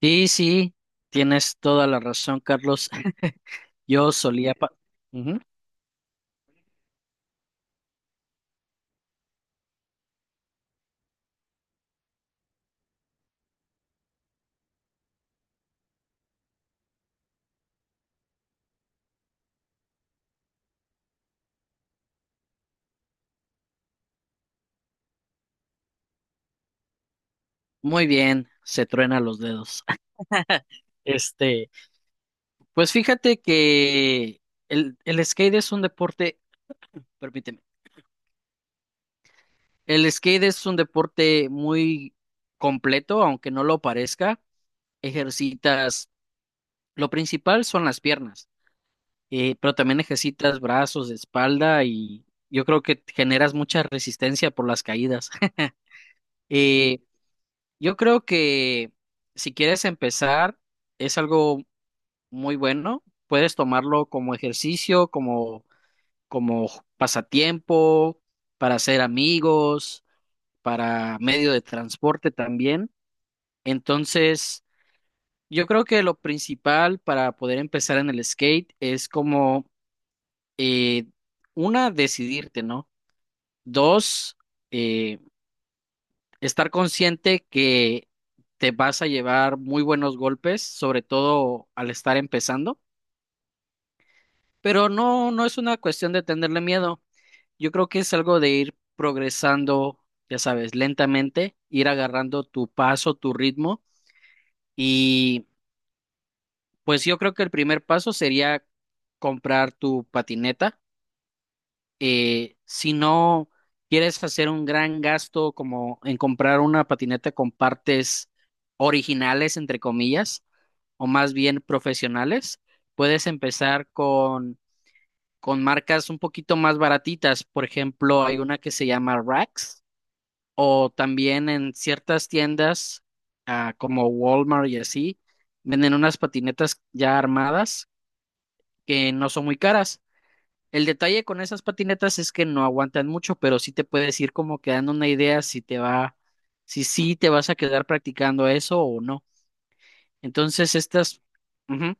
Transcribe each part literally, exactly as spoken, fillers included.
Sí, sí, tienes toda la razón, Carlos. Yo solía pa- Ujú. Muy bien, se truena los dedos. Este, pues fíjate que el, el skate es un deporte, permíteme, el skate es un deporte muy completo, aunque no lo parezca. Ejercitas, lo principal son las piernas, eh, pero también ejercitas brazos, espalda y yo creo que generas mucha resistencia por las caídas. Eh, Yo creo que si quieres empezar, es algo muy bueno. Puedes tomarlo como ejercicio, como, como pasatiempo, para hacer amigos, para medio de transporte también. Entonces, yo creo que lo principal para poder empezar en el skate es como, eh, una, decidirte, ¿no? Dos, eh, estar consciente que te vas a llevar muy buenos golpes, sobre todo al estar empezando, pero no, no es una cuestión de tenerle miedo. Yo creo que es algo de ir progresando, ya sabes, lentamente, ir agarrando tu paso, tu ritmo, y pues yo creo que el primer paso sería comprar tu patineta. Eh, si no quieres hacer un gran gasto como en comprar una patineta con partes originales, entre comillas, o más bien profesionales, puedes empezar con, con marcas un poquito más baratitas. Por ejemplo, hay una que se llama Rax, o también en ciertas tiendas, ah, como Walmart y así, venden unas patinetas ya armadas que no son muy caras. El detalle con esas patinetas es que no aguantan mucho, pero sí te puedes ir como quedando una idea si te va, si sí te vas a quedar practicando eso o no. Entonces, estas. Ujú.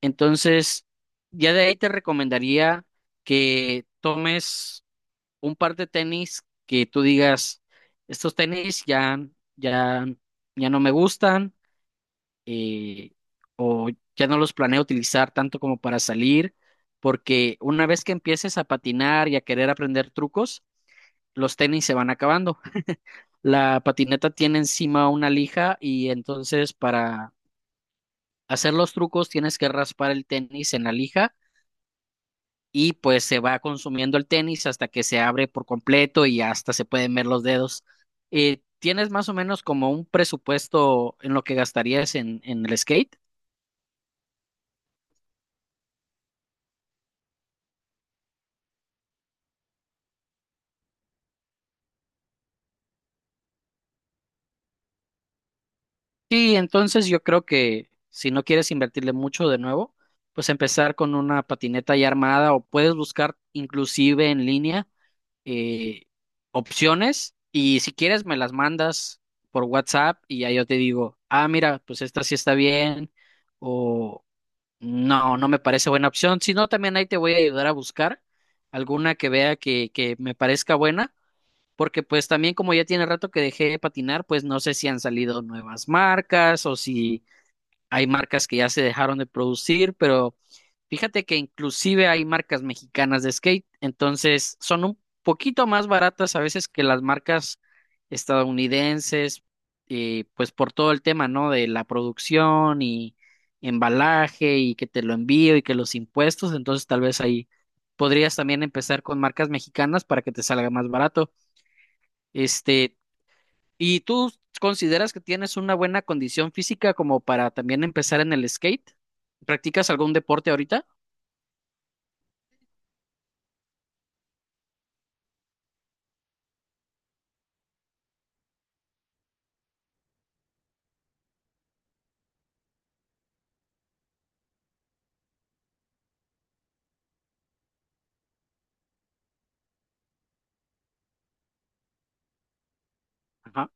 Entonces, ya de ahí te recomendaría que tomes un par de tenis que tú digas, estos tenis ya, ya, ya no me gustan, eh, o ya no los planeo utilizar tanto como para salir, porque una vez que empieces a patinar y a querer aprender trucos, los tenis se van acabando. La patineta tiene encima una lija y entonces para hacer los trucos tienes que raspar el tenis en la lija y pues se va consumiendo el tenis hasta que se abre por completo y hasta se pueden ver los dedos. Eh, ¿tienes más o menos como un presupuesto en lo que gastarías en, en el skate? Sí, entonces yo creo que si no quieres invertirle mucho de nuevo, pues empezar con una patineta ya armada o puedes buscar inclusive en línea, eh, opciones, y si quieres me las mandas por WhatsApp y ya yo te digo, ah, mira, pues esta sí está bien o no, no me parece buena opción. Si no, también ahí te voy a ayudar a buscar alguna que vea que, que me parezca buena, porque pues también como ya tiene rato que dejé de patinar, pues no sé si han salido nuevas marcas o si hay marcas que ya se dejaron de producir, pero fíjate que inclusive hay marcas mexicanas de skate, entonces son un poquito más baratas a veces que las marcas estadounidenses, eh, pues por todo el tema, ¿no? De la producción y embalaje y que te lo envío y que los impuestos, entonces tal vez ahí podrías también empezar con marcas mexicanas para que te salga más barato. Este, ¿Y tú consideras que tienes una buena condición física como para también empezar en el skate? ¿Practicas algún deporte ahorita? Ajá.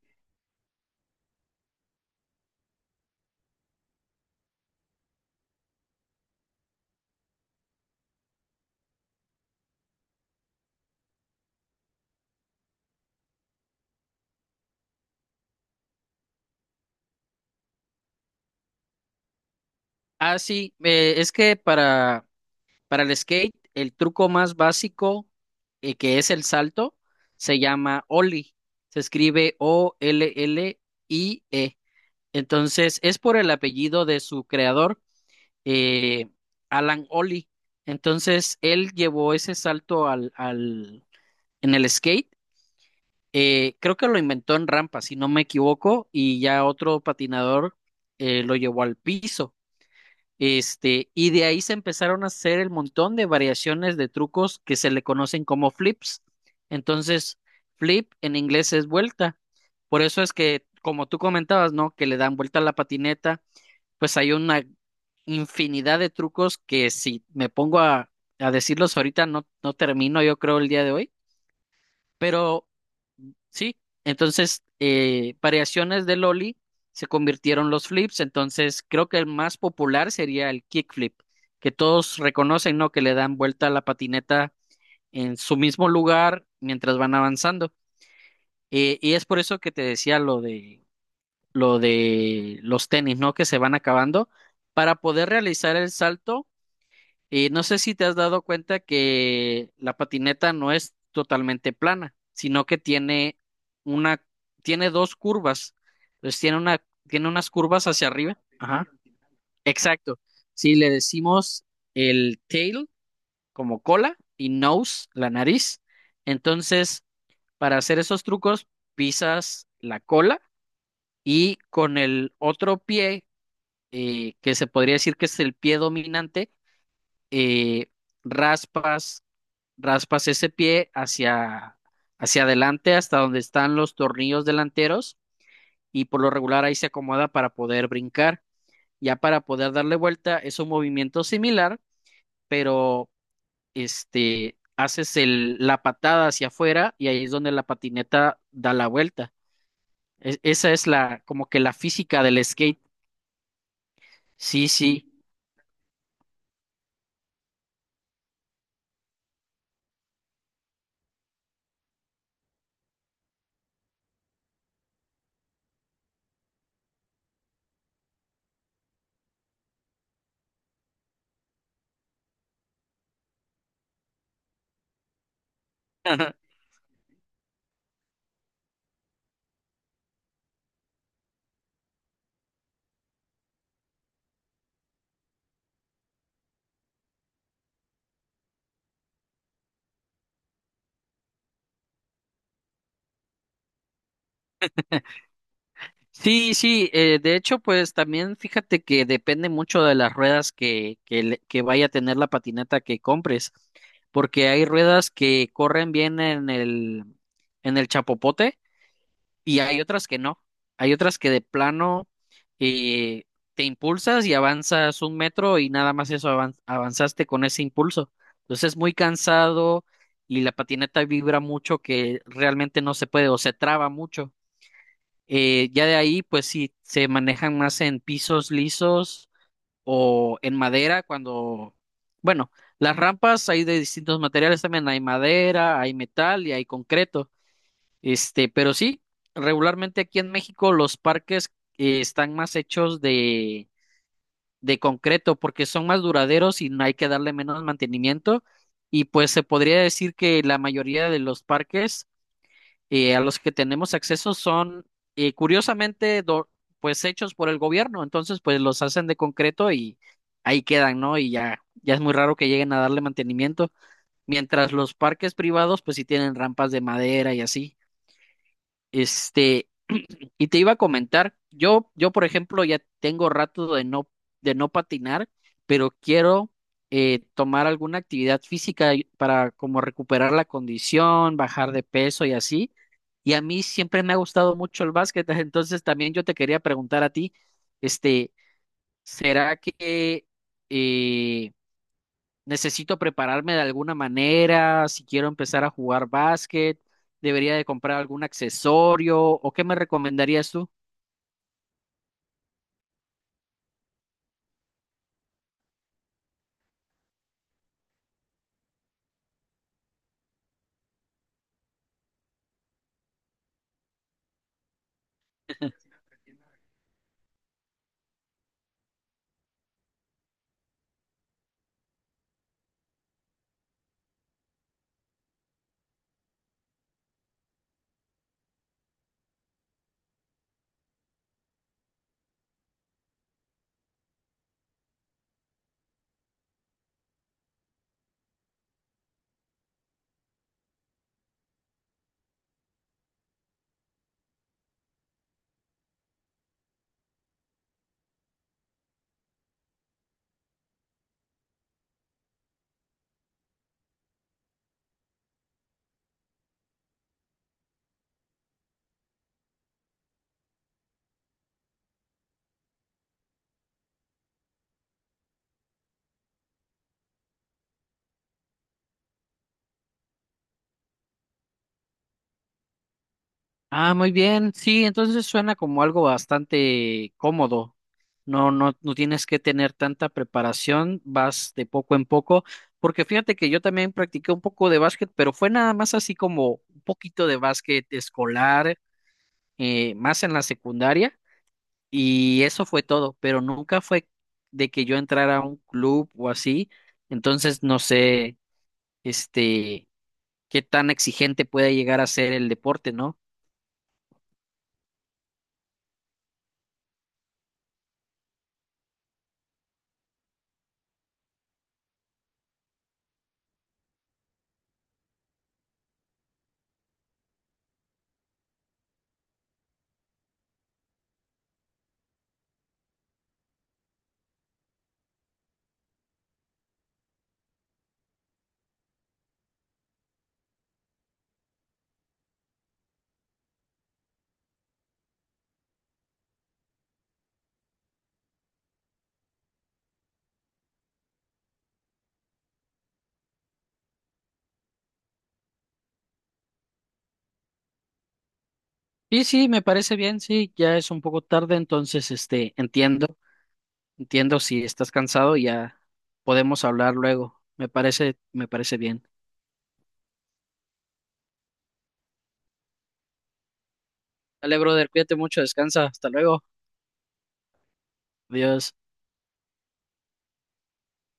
Ah, sí, eh, es que para, para, el skate, el truco más básico, eh, que es el salto, se llama Ollie. Se escribe O L L I E. Entonces, es por el apellido de su creador, eh, Alan Ollie. Entonces, él llevó ese salto al, al, en el skate. Eh, creo que lo inventó en rampa, si no me equivoco, y ya otro patinador eh, lo llevó al piso. Este, y de ahí se empezaron a hacer el montón de variaciones de trucos que se le conocen como flips. Entonces, flip en inglés es vuelta. Por eso es que, como tú comentabas, ¿no? Que le dan vuelta a la patineta, pues hay una infinidad de trucos que si me pongo a, a decirlos ahorita no, no termino, yo creo, el día de hoy. Pero sí, entonces eh, variaciones del ollie se convirtieron los flips, entonces creo que el más popular sería el kickflip, que todos reconocen, ¿no? Que le dan vuelta a la patineta en su mismo lugar mientras van avanzando. Eh, y es por eso que te decía lo de lo de los tenis, ¿no? Que se van acabando. Para poder realizar el salto, y no sé si te has dado cuenta que la patineta no es totalmente plana, sino que tiene una, tiene dos curvas. Entonces tiene una, tiene unas curvas hacia arriba. Ajá. Exacto. Si le decimos el tail como cola y nose, la nariz. Entonces, para hacer esos trucos, pisas la cola y con el otro pie, eh, que se podría decir que es el pie dominante, eh, raspas raspas ese pie hacia, hacia, adelante hasta donde están los tornillos delanteros y por lo regular ahí se acomoda para poder brincar. Ya para poder darle vuelta es un movimiento similar, pero este haces el, la patada hacia afuera y ahí es donde la patineta da la vuelta. Es- esa es la como que la física del skate. Sí, sí. Sí, sí, eh, de hecho, pues también fíjate que depende mucho de las ruedas que, que, le- que vaya a tener la patineta que compres, porque hay ruedas que corren bien en el, en el chapopote y hay otras que no. Hay otras que de plano, eh, te impulsas y avanzas un metro y nada más eso avan- avanzaste con ese impulso. Entonces es muy cansado y la patineta vibra mucho que realmente no se puede o se traba mucho. Eh, ya de ahí, pues sí, se manejan más en pisos lisos o en madera cuando, bueno, las rampas hay de distintos materiales también, hay madera, hay metal y hay concreto. Este, pero sí, regularmente aquí en México los parques, eh, están más hechos de, de concreto porque son más duraderos y no hay que darle menos mantenimiento. Y pues se podría decir que la mayoría de los parques y a los que tenemos acceso son, eh, curiosamente, do- pues hechos por el gobierno, entonces pues los hacen de concreto y ahí quedan, ¿no? Y ya, ya es muy raro que lleguen a darle mantenimiento, mientras los parques privados pues sí tienen rampas de madera y así. Este, y te iba a comentar, yo, yo por ejemplo ya tengo rato de no, de no patinar, pero quiero eh, tomar alguna actividad física y- para como recuperar la condición, bajar de peso y así. Y a mí siempre me ha gustado mucho el básquet, entonces también yo te quería preguntar a ti, este, ¿será que eh, necesito prepararme de alguna manera si quiero empezar a jugar básquet? ¿Debería de comprar algún accesorio o qué me recomendarías tú? Ah, muy bien. Sí, entonces suena como algo bastante cómodo. No, no, no tienes que tener tanta preparación, vas de poco en poco, porque fíjate que yo también practiqué un poco de básquet, pero fue nada más así como un poquito de básquet escolar, eh, más en la secundaria, y eso fue todo, pero nunca fue de que yo entrara a un club o así, entonces no sé, este, qué tan exigente puede llegar a ser el deporte, ¿no? Sí, sí, me parece bien, sí, ya es un poco tarde, entonces, este, entiendo, entiendo si estás cansado, ya podemos hablar luego. Me parece, me parece bien. Dale, brother, cuídate mucho, descansa, hasta luego, adiós.